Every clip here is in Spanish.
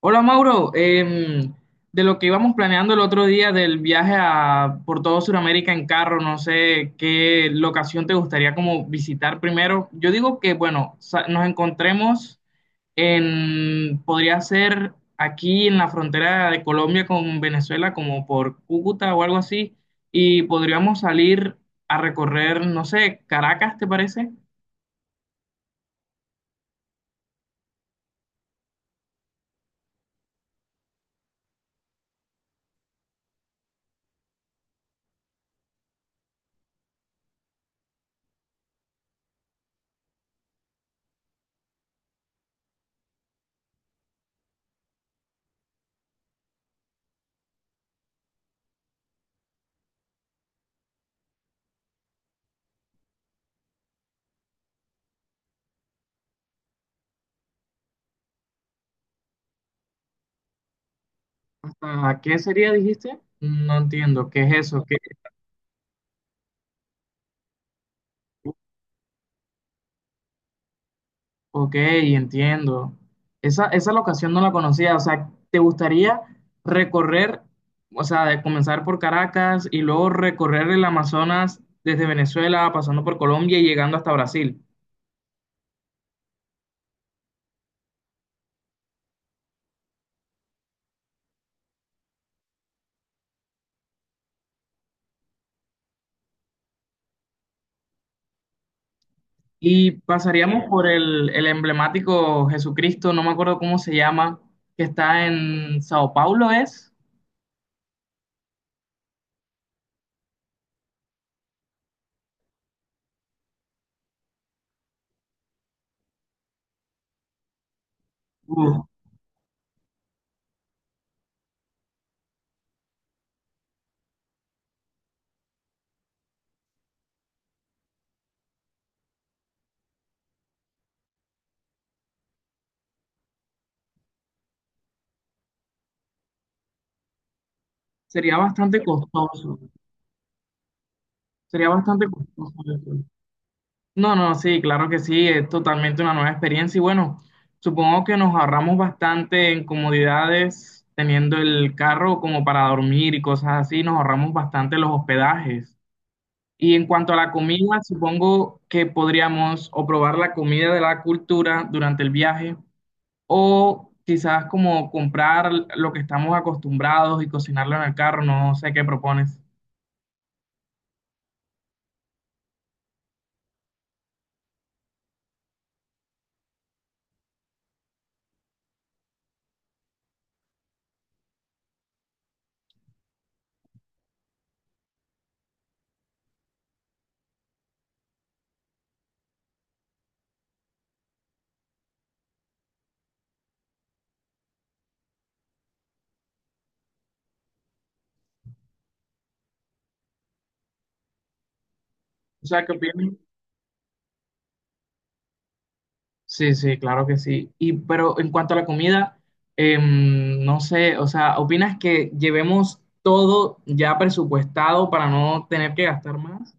Hola Mauro, de lo que íbamos planeando el otro día del viaje a, por todo Sudamérica en carro, no sé qué locación te gustaría como visitar primero. Yo digo que, bueno, nos encontremos en, podría ser aquí en la frontera de Colombia con Venezuela, como por Cúcuta o algo así, y podríamos salir a recorrer, no sé, Caracas, ¿te parece? ¿Hasta qué sería, dijiste? No entiendo, ¿qué es eso? ¿Qué? Ok, entiendo. Esa locación no la conocía. O sea, ¿te gustaría recorrer, o sea, de comenzar por Caracas y luego recorrer el Amazonas desde Venezuela, pasando por Colombia y llegando hasta Brasil? Y pasaríamos por el emblemático Jesucristo, no me acuerdo cómo se llama, que está en Sao Paulo, ¿es? Uf, sería bastante costoso. Sería bastante costoso eso. No, no, sí, claro que sí, es totalmente una nueva experiencia y bueno, supongo que nos ahorramos bastante en comodidades teniendo el carro como para dormir y cosas así, nos ahorramos bastante los hospedajes. Y en cuanto a la comida, supongo que podríamos o probar la comida de la cultura durante el viaje o quizás como comprar lo que estamos acostumbrados y cocinarlo en el carro, no sé qué propones. O sea, ¿qué opinas? Sí, sí, claro que sí. Y pero en cuanto a la comida, no sé, o sea, ¿opinas que llevemos todo ya presupuestado para no tener que gastar más?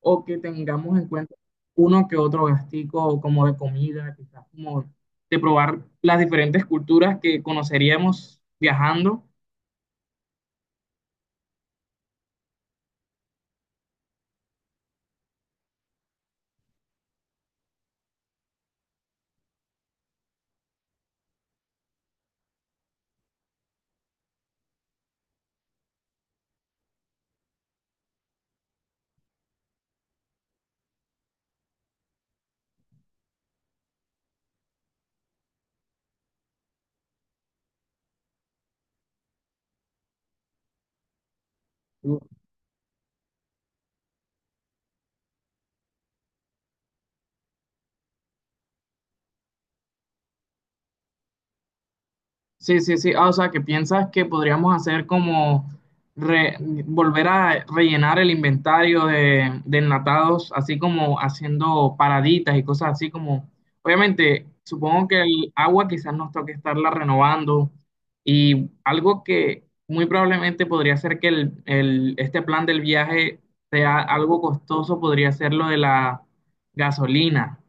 ¿O que tengamos en cuenta uno que otro gastico como de comida, quizás como de probar las diferentes culturas que conoceríamos viajando? Sí, sí, sí. Ah, o sea, que piensas que podríamos hacer como re- volver a rellenar el inventario de enlatados, así como haciendo paraditas y cosas así como, obviamente, supongo que el agua quizás nos toque estarla renovando y algo que muy probablemente podría ser que este plan del viaje sea algo costoso, podría ser lo de la gasolina.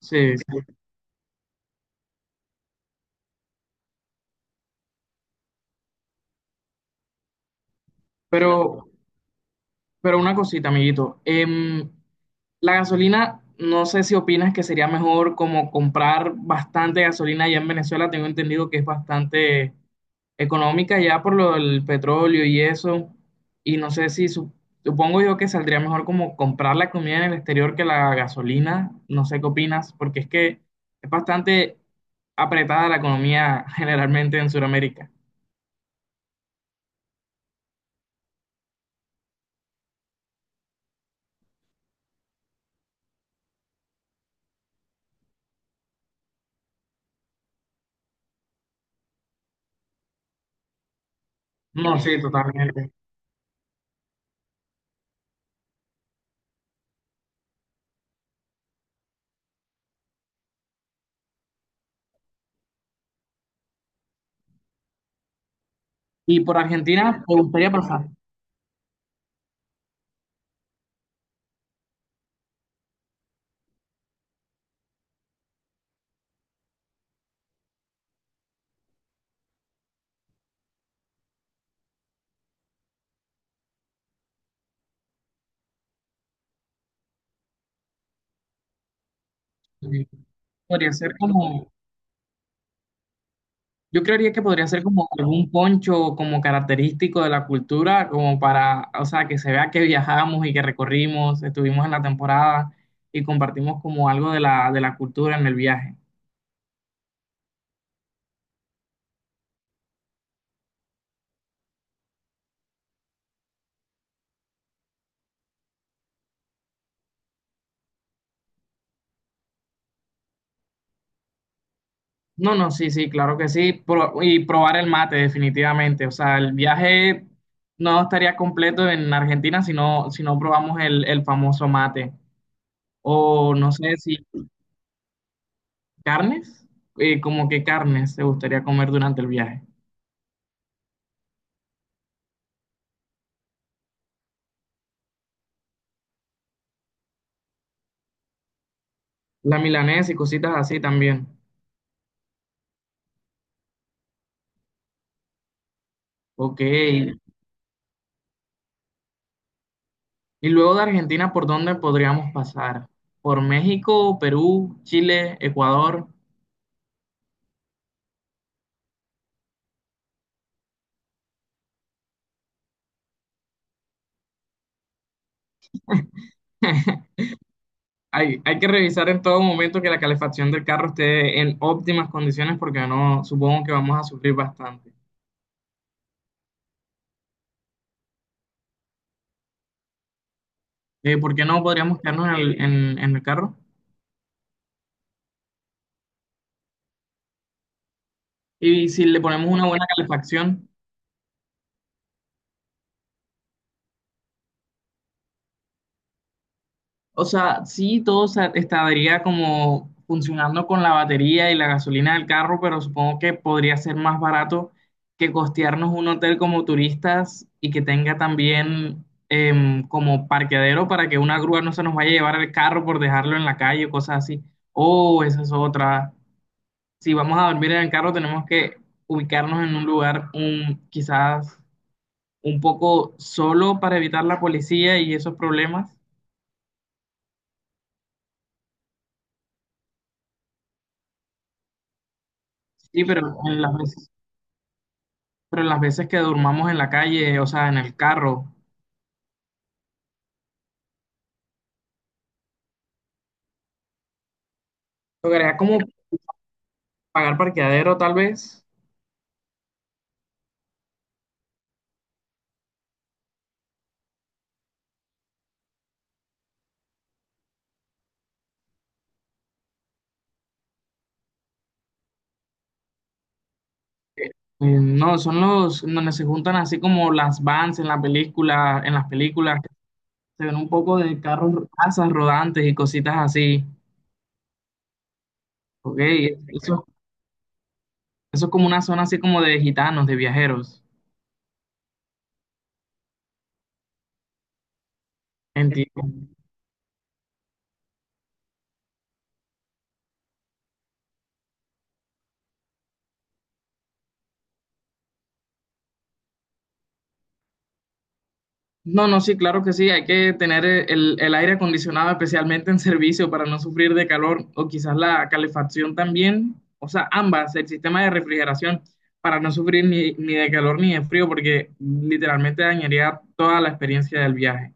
Sí, sí. Pero... Pero una cosita, amiguito. La gasolina, no sé si opinas que sería mejor como comprar bastante gasolina allá en Venezuela. Tengo entendido que es bastante económica ya por lo del petróleo y eso. Y no sé si supongo yo que saldría mejor como comprar la comida en el exterior que la gasolina. No sé qué opinas, porque es que es bastante apretada la economía generalmente en Sudamérica. No, sí, totalmente. Y por Argentina, me gustaría pasar. Sí. Podría ser como, yo creería que podría ser como algún poncho como característico de la cultura, como para, o sea, que se vea que viajamos y que recorrimos, estuvimos en la temporada y compartimos como algo de la cultura en el viaje. No, no, sí, sí, claro que sí. Y probar el mate, definitivamente. O sea, el viaje no estaría completo en Argentina si no, si no probamos el famoso mate. O no sé si carnes, como que carnes se gustaría comer durante el viaje. La milanesa y cositas así también. Ok. Sí. Y luego de Argentina, ¿por dónde podríamos pasar? ¿Por México, Perú, Chile, Ecuador? Hay que revisar en todo momento que la calefacción del carro esté en óptimas condiciones porque no, supongo que vamos a sufrir bastante. ¿Por qué no podríamos quedarnos en el, en el carro? Y si le ponemos una buena calefacción. O sea, sí, estaría como funcionando con la batería y la gasolina del carro, pero supongo que podría ser más barato que costearnos un hotel como turistas y que tenga también como parqueadero para que una grúa no se nos vaya a llevar el carro por dejarlo en la calle o cosas así. Oh, esa es otra. Si vamos a dormir en el carro, tenemos que ubicarnos en un lugar un, quizás un poco solo para evitar la policía y esos problemas. Sí, pero las veces que durmamos en la calle, o sea, en el carro, lograría como pagar parqueadero tal vez. Eh, no, son los donde se juntan así como las vans en la película, en las películas, que se ven un poco de carros, casas rodantes y cositas así. Ok, eso, eso es como una zona así como de gitanos, de viajeros. Entiendo. No, no, sí, claro que sí, hay que tener el aire acondicionado especialmente en servicio para no sufrir de calor o quizás la calefacción también, o sea, ambas, el sistema de refrigeración para no sufrir ni, ni de calor ni de frío porque literalmente dañaría toda la experiencia del viaje.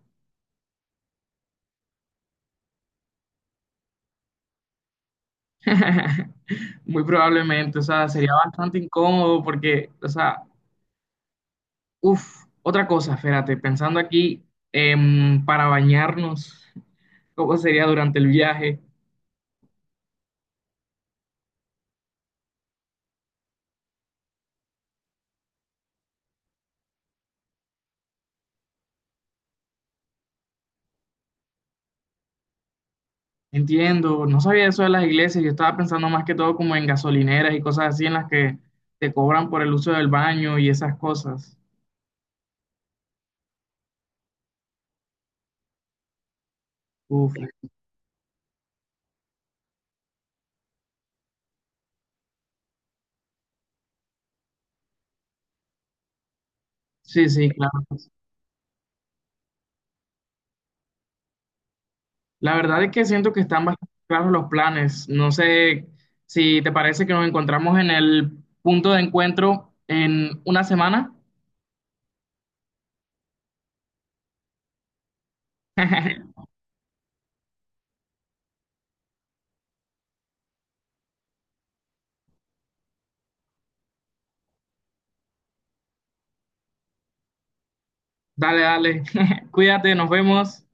Muy probablemente, o sea, sería bastante incómodo porque, o sea, uff, otra cosa, espérate, pensando aquí para bañarnos, ¿cómo sería durante el viaje? Entiendo, no sabía eso de las iglesias, yo estaba pensando más que todo como en gasolineras y cosas así en las que te cobran por el uso del baño y esas cosas. Uf, sí, sí, claro. La verdad es que siento que están bastante claros los planes. No sé si te parece que nos encontramos en el punto de encuentro en una semana. Dale, dale. Cuídate, nos vemos.